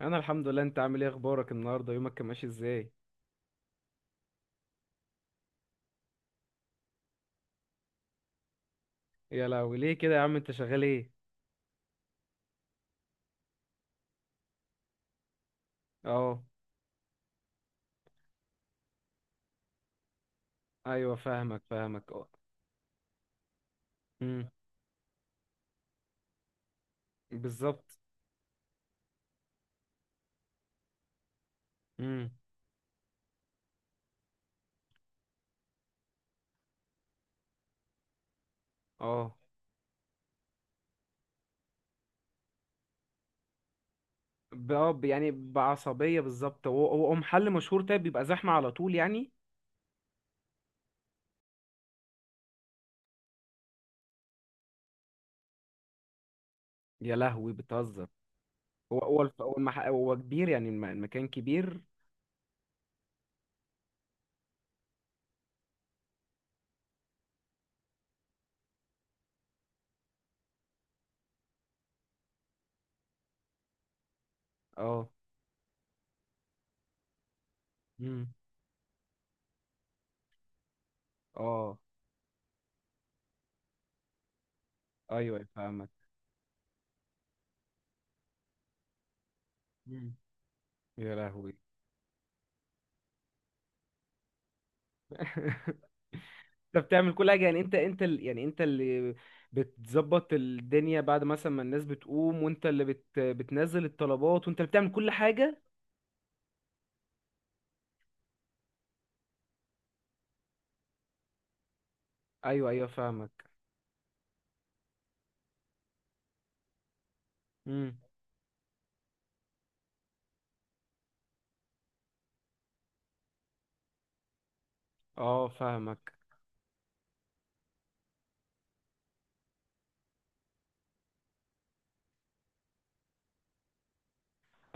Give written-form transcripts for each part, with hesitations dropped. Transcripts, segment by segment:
انا الحمد لله. انت عامل ايه؟ اخبارك؟ النهارده يومك كان ماشي ازاي؟ يا لهوي، ليه كده يا عم؟ انت شغال ايه؟ اه. ايوه فاهمك فاهمك، اه. امم. بالظبط. امم. اه يعني بعصبيه، بالظبط. هو محل مشهور؟ طيب بيبقى زحمه على طول يعني؟ يا لهوي بتهزر! هو كبير يعني؟ المكان كبير؟ اه. امم. اه. ايوه فاهمك. مم. يا لهوي. انت بتعمل كل حاجه يعني؟ انت اللي بتظبط الدنيا بعد مثلا ما الناس بتقوم، وانت اللي بتنزل الطلبات، وانت اللي بتعمل كل حاجه؟ ايوه ايوه فاهمك. امم. اه فاهمك.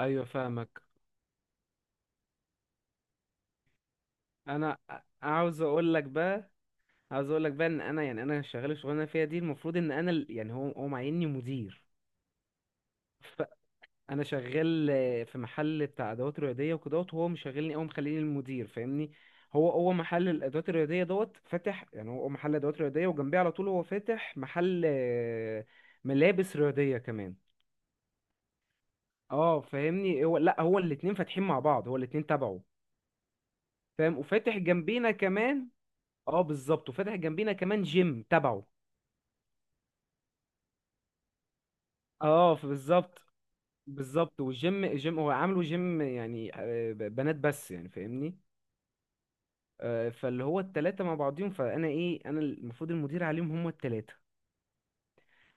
ايوه فاهمك. انا عاوز اقول لك بقى، عاوز اقول لك بقى ان انا، يعني انا شغال الشغلانه اللي أنا فيها دي، المفروض ان انا يعني هو معيني مدير. انا شغال في محل بتاع ادوات رياضيه وكدهوت، وهو مشغلني او مخليني المدير، فاهمني. هو محل الادوات الرياضيه دوت فاتح يعني، هو محل ادوات رياضيه، وجنبيه على طول هو فاتح محل ملابس رياضيه كمان. اه فاهمني، هو لا، هو الاتنين فاتحين مع بعض، هو الاتنين تبعه. فاهم، وفاتح جنبينا كمان. اه بالظبط، وفاتح جنبينا كمان جيم تبعه. بالظبط بالظبط، والجيم جيم هو عامله جيم يعني، بنات بس يعني، فاهمني. فاللي هو التلاتة مع بعضيهم، فأنا إيه، أنا المفروض المدير عليهم هما التلاتة.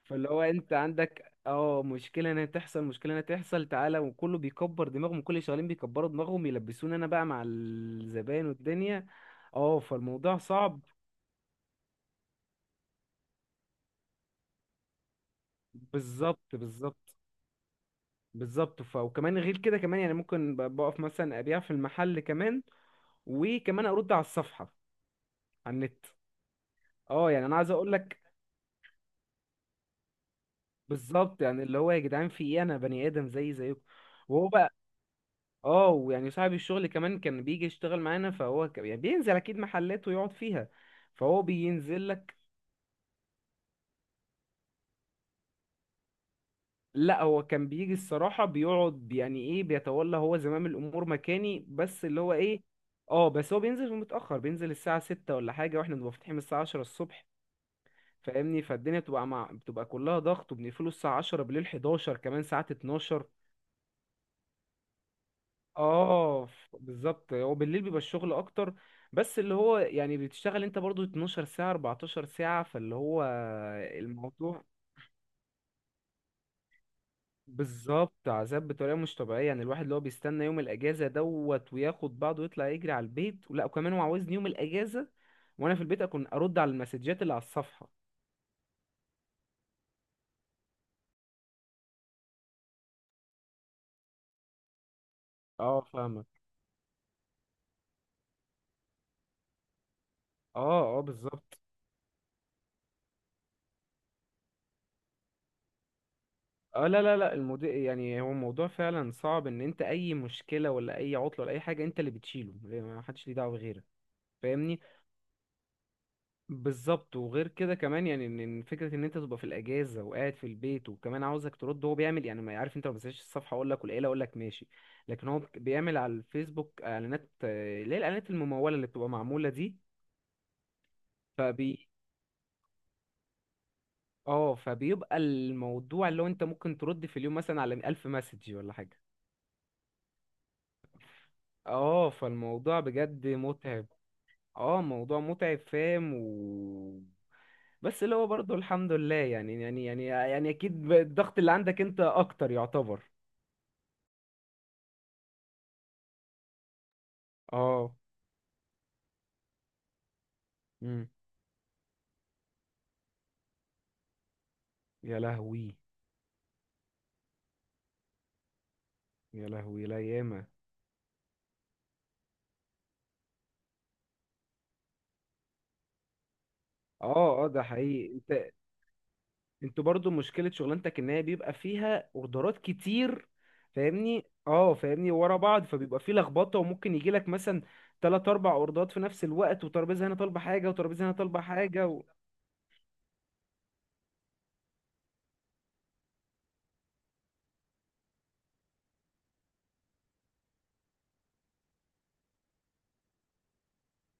فاللي هو أنت عندك اه مشكلة هنا تحصل، مشكلة هنا تحصل، تعالى، وكله بيكبر دماغهم، كل اللي شغالين بيكبروا دماغهم، يلبسوني أنا بقى مع الزبائن والدنيا. اه فالموضوع صعب. بالظبط بالظبط. بالظبط، وكمان غير كده، كمان يعني ممكن بقف مثلا أبيع في المحل كمان، وكمان أرد على الصفحة على النت. اه يعني أنا عايز أقولك، بالظبط يعني اللي هو يا جدعان في إيه، أنا بني آدم زي زيكم. وهو بقى اه، ويعني صاحب الشغل كمان كان بيجي يشتغل معانا، يعني بينزل اكيد محلات ويقعد فيها، فهو بينزل لك. لا، هو كان بيجي الصراحة بيقعد، يعني ايه، بيتولى هو زمام الامور مكاني، بس اللي هو ايه، اه، بس هو بينزل متأخر، بينزل الساعة 6 ولا حاجة، واحنا بنبقى فاتحين من الساعة 10 الصبح، فاهمني. فالدنيا بتبقى كلها ضغط، وبنقفله الساعة 10 بالليل، 11، كمان ساعات 12. بالظبط هو بالليل بيبقى الشغل اكتر. بس اللي هو يعني بتشتغل انت برضو 12 ساعة 14 ساعة، فاللي هو الموضوع بالظبط عذاب بطريقة مش طبيعية، يعني الواحد اللي هو بيستنى يوم الاجازة دوت وياخد بعضه ويطلع يجري على البيت، ولا وكمان هو عاوزني يوم الاجازة وانا في البيت اكون ارد على المسجات اللي على الصفحة. اه فاهمك. اه اه بالظبط. اه لا لا لا، الموضوع يعني، هو الموضوع فعلا صعب ان انت اي مشكلة ولا اي عطلة ولا اي حاجة انت اللي بتشيله، ما حدش ليه دعوة غيرك، فاهمني. بالظبط، وغير كده كمان يعني إن فكره ان انت تبقى في الاجازه وقاعد في البيت، وكمان عاوزك ترد، هو بيعمل يعني ما عارف، انت لو ما مسكتش الصفحه اقول لك والعيله اقول لك ماشي، لكن هو بيعمل على الفيسبوك اعلانات، اللي هي الاعلانات المموله اللي بتبقى معموله دي. فبي اه فبيبقى الموضوع اللي هو انت ممكن ترد في اليوم مثلا على 1000 مسج ولا حاجه. اه فالموضوع بجد متعب. اه موضوع متعب فاهم و. بس اللي هو برضه الحمد لله، يعني اكيد الضغط اللي عندك انت اكتر يعتبر. اه. امم. يا لهوي. يا لهوي، لا ياما. اه اه، ده حقيقي انت؟ انتوا برضو مشكلة شغلانتك ان هي بيبقى فيها اوردرات كتير، فاهمني. اه فاهمني، ورا بعض فبيبقى فيه لخبطة، وممكن يجيلك مثلا تلات اربع اوردرات في نفس الوقت، وترابيزة هنا طالبة حاجة، وترابيزة هنا طالبة حاجة و...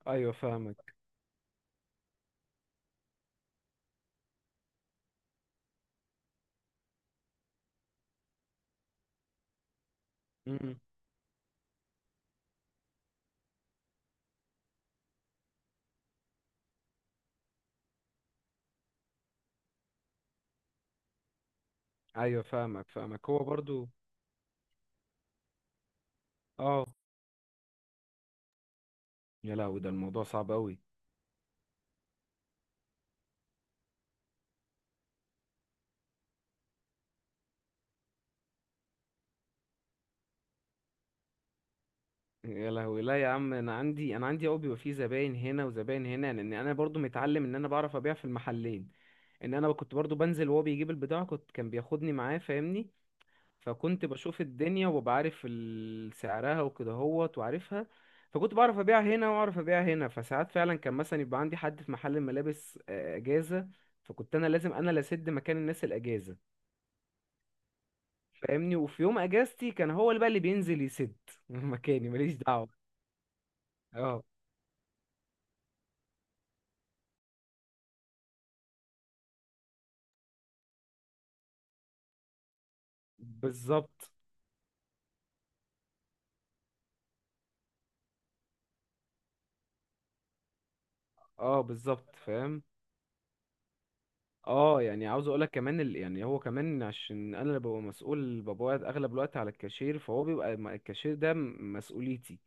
ايوه فاهمك. ايوه فاهمك فاهمك، هو برضو اه. يا لهوي ده الموضوع صعب قوي. يا لهوي، لا يا عم، انا عندي قوي بيبقى فيه زباين هنا وزباين هنا، لان انا برضو متعلم ان انا بعرف ابيع في المحلين، ان انا كنت برضو بنزل وهو بيجيب البضاعه، كنت كان بياخدني معاه، فاهمني. فكنت بشوف الدنيا، وببقى عارف سعرها وكده هوت، وعارفها. فكنت بعرف ابيع هنا، واعرف ابيع هنا، فساعات فعلا كان مثلا يبقى عندي حد في محل الملابس اجازه فكنت انا لازم، انا اللي اسد مكان الناس الاجازه، فاهمني. وفي يوم اجازتي كان هو اللي بقى اللي بينزل يسد مكاني، ماليش دعوه. اه بالظبط. اه بالظبط فاهم. اه يعني عاوز اقولك كمان يعني هو كمان عشان انا اللي ببقى مسؤول، ببقى قاعد اغلب الوقت على الكاشير، فهو بيبقى الكاشير ده مسؤوليتي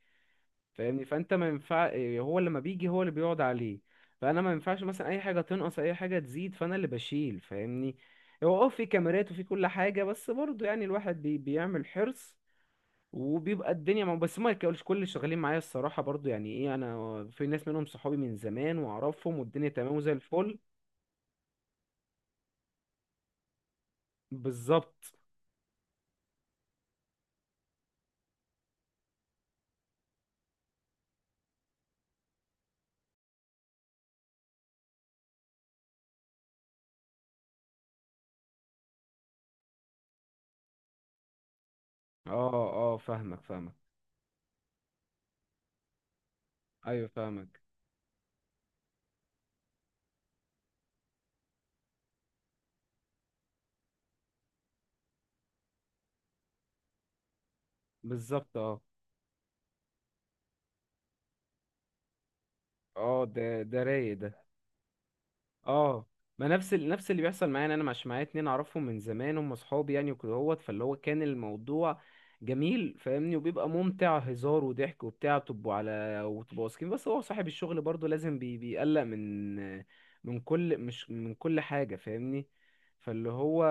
فاهمني. فانت ما ينفع إيه، هو لما بيجي هو اللي بيقعد عليه، فانا ما ينفعش مثلا اي حاجه تنقص اي حاجه تزيد، فانا اللي بشيل، فاهمني. هو اه في كاميرات وفي كل حاجه، بس برضه يعني الواحد بيعمل حرص، وبيبقى الدنيا ما بس ما كلش، كل اللي شغالين معايا الصراحة برضو يعني ايه، انا في ناس منهم صحابي من زمان واعرفهم، والدنيا تمام وزي الفل. بالظبط اه. اه فاهمك فاهمك. ايوه فاهمك. بالظبط اه. اه ده رايق ده. اه. ما نفس نفس اللي بيحصل معايا، انا مش معايا اتنين اعرفهم من زمان هم اصحابي يعني وكده هوت، فاللي هو كان الموضوع جميل، فاهمني، وبيبقى ممتع، هزار وضحك وبتاع، بتبقوا على وتبقوا واثقين، بس هو صاحب الشغل برضو لازم بيقلق من كل، مش من كل حاجة، فاهمني. فاللي هو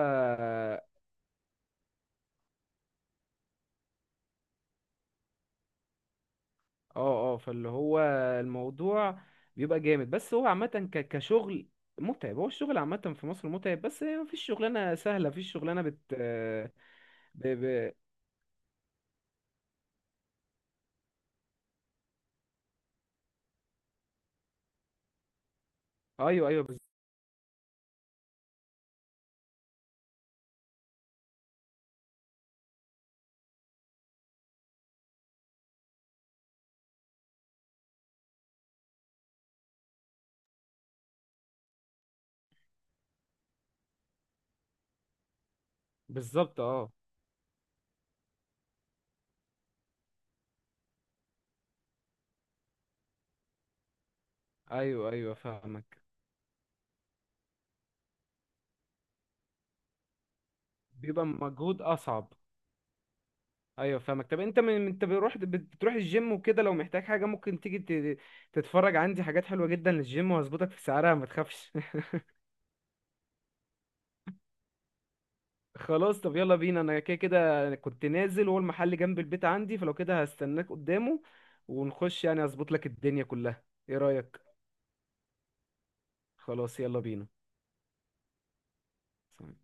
اه، اه فاللي هو الموضوع بيبقى جامد، بس هو عامة كشغل متعب، هو الشغل عامة في مصر متعب، بس مفيش شغلانة سهلة، مفيش شغلانة بت... ايوه ايوه بالظبط اه ايوه ايوه فاهمك، بيبقى مجهود اصعب. ايوه فاهمك، طب انت من، انت بتروح، الجيم وكده، لو محتاج حاجه ممكن تيجي تتفرج عندي حاجات حلوه جدا للجيم، وهظبطك في سعرها، ما تخافش. خلاص، طب يلا بينا، انا كده كده كنت نازل، وهو المحل جنب البيت عندي، فلو كده هستناك قدامه، ونخش، يعني اظبط لك الدنيا كلها. ايه رايك؟ خلاص يلا بينا. سلام.